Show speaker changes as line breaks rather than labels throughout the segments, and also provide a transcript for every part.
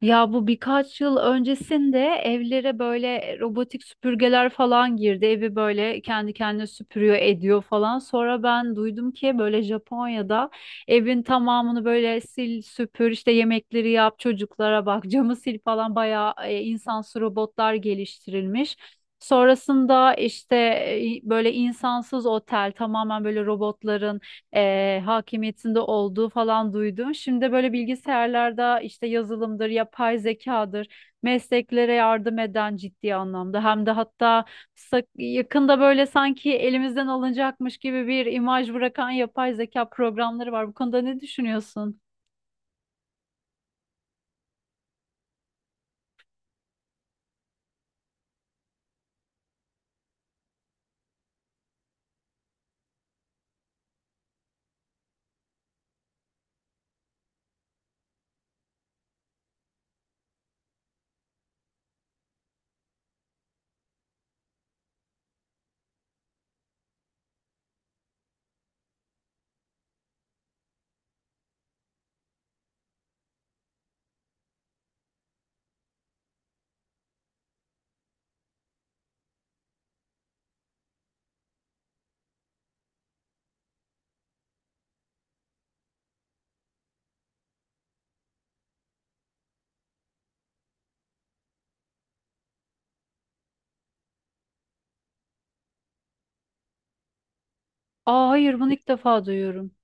Ya bu birkaç yıl öncesinde evlere böyle robotik süpürgeler falan girdi. Evi böyle kendi kendine süpürüyor, ediyor falan. Sonra ben duydum ki böyle Japonya'da evin tamamını böyle sil, süpür, işte yemekleri yap, çocuklara bak, camı sil falan bayağı insansı robotlar geliştirilmiş. Sonrasında işte böyle insansız otel tamamen böyle robotların hakimiyetinde olduğu falan duydum. Şimdi de böyle bilgisayarlarda işte yazılımdır, yapay zekadır, mesleklere yardım eden ciddi anlamda. Hem de hatta yakında böyle sanki elimizden alınacakmış gibi bir imaj bırakan yapay zeka programları var. Bu konuda ne düşünüyorsun? Aa, hayır, bunu ilk defa duyuyorum.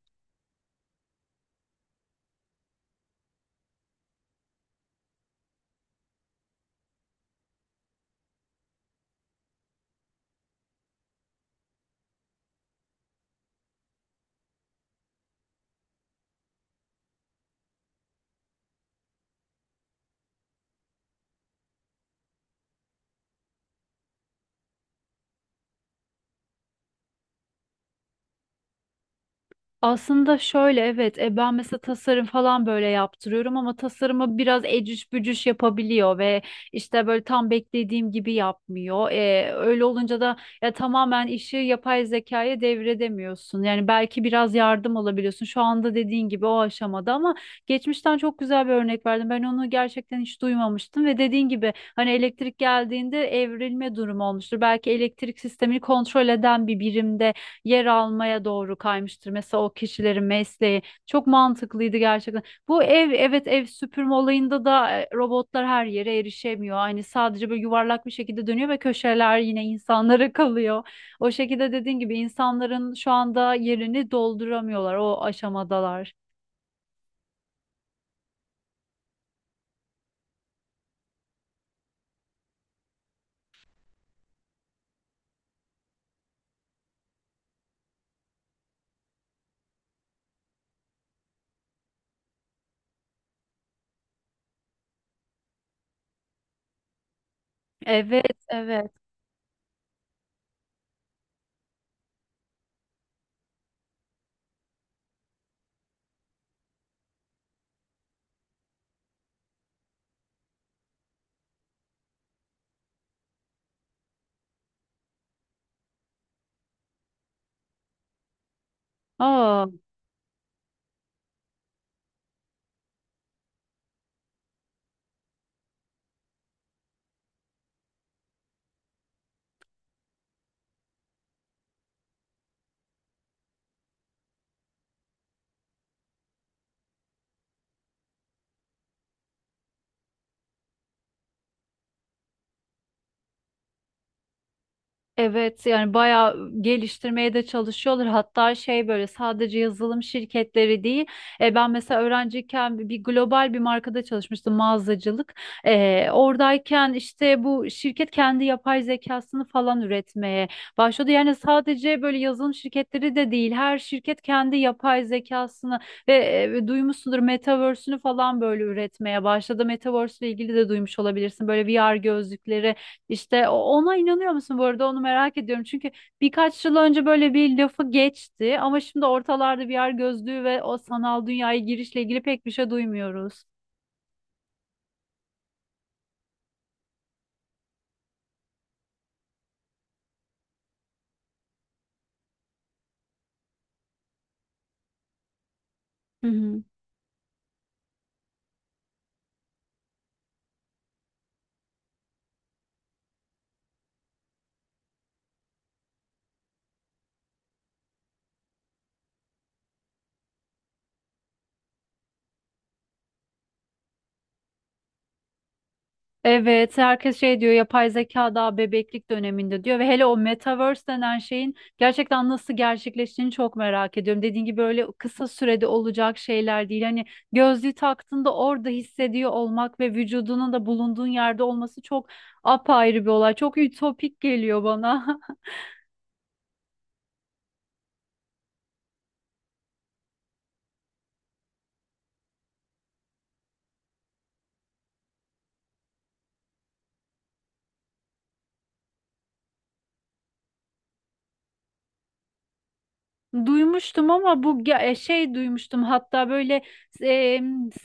Aslında şöyle, evet, ben mesela tasarım falan böyle yaptırıyorum ama tasarımı biraz ecüş bücüş yapabiliyor ve işte böyle tam beklediğim gibi yapmıyor. Öyle olunca da ya tamamen işi yapay zekaya devredemiyorsun. Yani belki biraz yardım alabiliyorsun. Şu anda dediğin gibi o aşamada ama geçmişten çok güzel bir örnek verdim. Ben onu gerçekten hiç duymamıştım ve dediğin gibi, hani elektrik geldiğinde evrilme durumu olmuştur. Belki elektrik sistemini kontrol eden bir birimde yer almaya doğru kaymıştır. Mesela o kişilerin mesleği çok mantıklıydı gerçekten. Bu ev, evet, ev süpürme olayında da robotlar her yere erişemiyor. Hani sadece böyle yuvarlak bir şekilde dönüyor ve köşeler yine insanlara kalıyor. O şekilde dediğin gibi insanların şu anda yerini dolduramıyorlar. O aşamadalar. Evet, evet. Aa. Evet, yani bayağı geliştirmeye de çalışıyorlar. Hatta şey, böyle sadece yazılım şirketleri değil. Ben mesela öğrenciyken bir global bir markada çalışmıştım, mağazacılık. Oradayken işte bu şirket kendi yapay zekasını falan üretmeye başladı. Yani sadece böyle yazılım şirketleri de değil. Her şirket kendi yapay zekasını ve duymuşsundur Metaverse'ünü falan böyle üretmeye başladı. Metaverse ile ilgili de duymuş olabilirsin. Böyle VR gözlükleri işte ona inanıyor musun bu arada, onu merak ediyorum. Çünkü birkaç yıl önce böyle bir lafı geçti ama şimdi ortalarda VR gözlüğü ve o sanal dünyaya girişle ilgili pek bir şey duymuyoruz. Hı hı. Evet, herkes şey diyor, yapay zeka daha bebeklik döneminde diyor ve hele o metaverse denen şeyin gerçekten nasıl gerçekleştiğini çok merak ediyorum. Dediğin gibi böyle kısa sürede olacak şeyler değil. Hani gözlüğü taktığında orada hissediyor olmak ve vücudunun da bulunduğun yerde olması çok apayrı bir olay. Çok ütopik geliyor bana. Duymuştum ama bu şey duymuştum, hatta böyle e,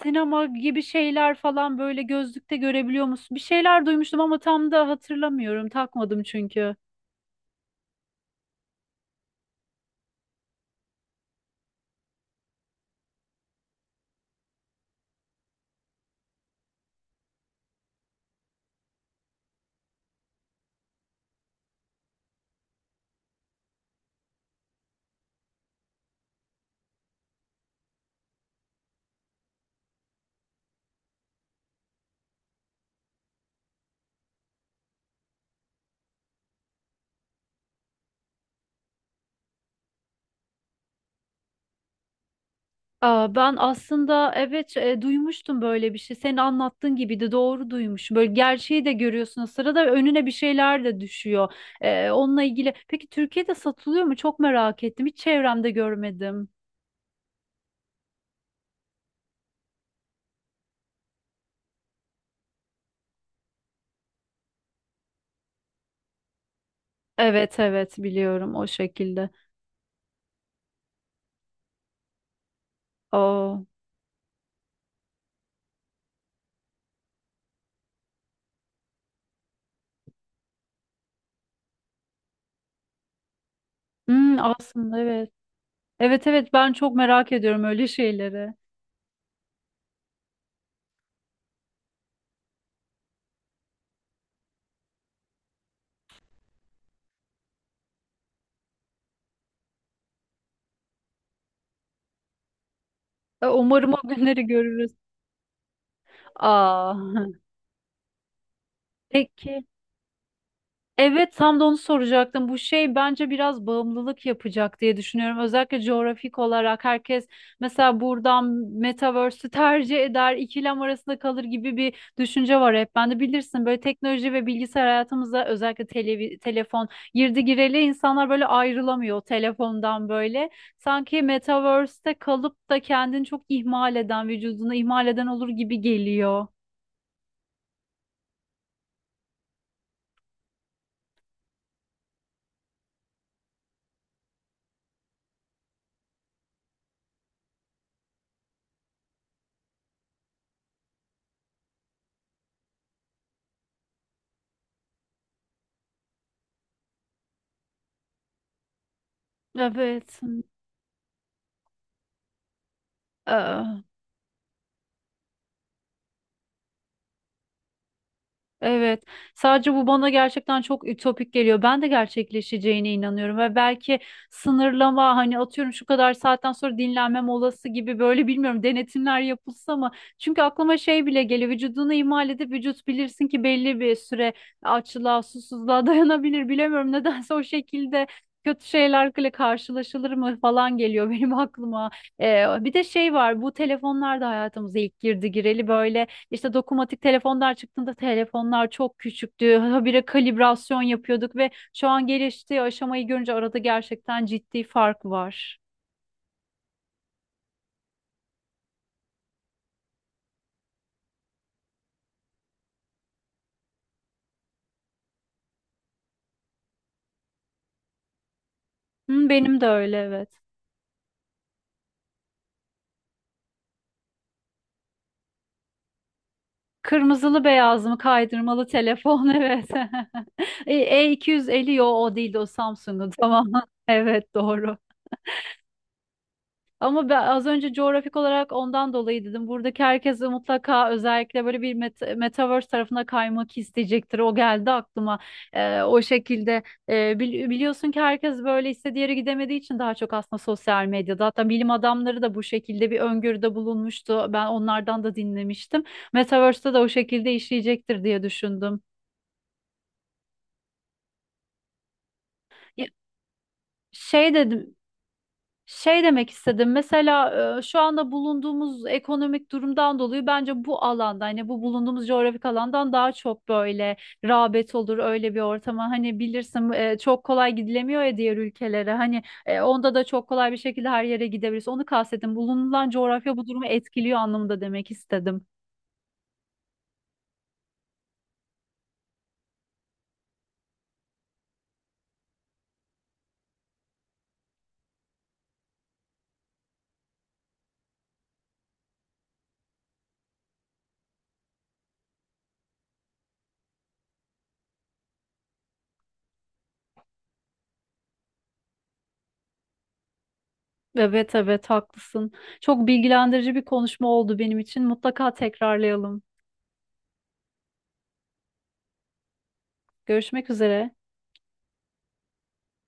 sinema gibi şeyler falan böyle gözlükte görebiliyor musun? Bir şeyler duymuştum ama tam da hatırlamıyorum. Takmadım çünkü. Aa, ben aslında, evet, duymuştum böyle bir şey. Senin anlattığın gibiydi, doğru duymuşum. Böyle gerçeği de görüyorsun, o sırada önüne bir şeyler de düşüyor. Onunla ilgili. Peki Türkiye'de satılıyor mu? Çok merak ettim. Hiç çevremde görmedim. Evet, evet, biliyorum o şekilde. Aa, hmm, aslında evet. Evet, evet, ben çok merak ediyorum öyle şeyleri. Umarım o günleri görürüz. Aa, peki. Evet, tam da onu soracaktım. Bu şey bence biraz bağımlılık yapacak diye düşünüyorum. Özellikle coğrafik olarak herkes mesela buradan Metaverse'ü tercih eder, ikilem arasında kalır gibi bir düşünce var hep. Ben de bilirsin, böyle teknoloji ve bilgisayar hayatımıza, özellikle telefon girdi gireli insanlar böyle ayrılamıyor telefondan böyle. Sanki Metaverse'te kalıp da kendini çok ihmal eden, vücudunu ihmal eden olur gibi geliyor. Evet. Evet. Sadece bu bana gerçekten çok ütopik geliyor. Ben de gerçekleşeceğine inanıyorum ve belki sınırlama, hani atıyorum şu kadar saatten sonra dinlenme molası gibi böyle, bilmiyorum, denetimler yapılsa mı? Çünkü aklıma şey bile geliyor. Vücudunu ihmal edip vücut bilirsin ki belli bir süre açlığa, susuzluğa dayanabilir. Bilemiyorum, nedense o şekilde kötü şeylerle karşılaşılır mı falan geliyor benim aklıma. Bir de şey var, bu telefonlar da hayatımıza ilk girdi gireli böyle işte dokunmatik telefonlar çıktığında telefonlar çok küçüktü. Habire kalibrasyon yapıyorduk ve şu an geliştiği aşamayı görünce arada gerçekten ciddi fark var. Hı, benim de öyle, evet. Kırmızılı beyaz mı kaydırmalı telefon evet. E, E250, yo, o değildi, o Samsung'un, tamam. Evet, doğru. Ama ben az önce coğrafik olarak ondan dolayı dedim. Buradaki herkes de mutlaka özellikle böyle bir metaverse tarafına kaymak isteyecektir. O geldi aklıma. Ee, o şekilde Ee, Biliyorsun ki herkes böyle istediği yere gidemediği için daha çok aslında sosyal medyada. Hatta bilim adamları da bu şekilde bir öngörüde bulunmuştu. Ben onlardan da dinlemiştim. Metaverse'te de o şekilde işleyecektir diye düşündüm. Ya, Şey dedim. Şey demek istedim. Mesela şu anda bulunduğumuz ekonomik durumdan dolayı bence bu alanda, hani bu bulunduğumuz coğrafik alandan daha çok böyle rağbet olur öyle bir ortama. Hani bilirsin, çok kolay gidilemiyor ya diğer ülkelere. Hani onda da çok kolay bir şekilde her yere gidebiliriz. Onu kastettim. Bulunulan coğrafya bu durumu etkiliyor anlamında demek istedim. Evet, evet, haklısın. Çok bilgilendirici bir konuşma oldu benim için. Mutlaka tekrarlayalım. Görüşmek üzere.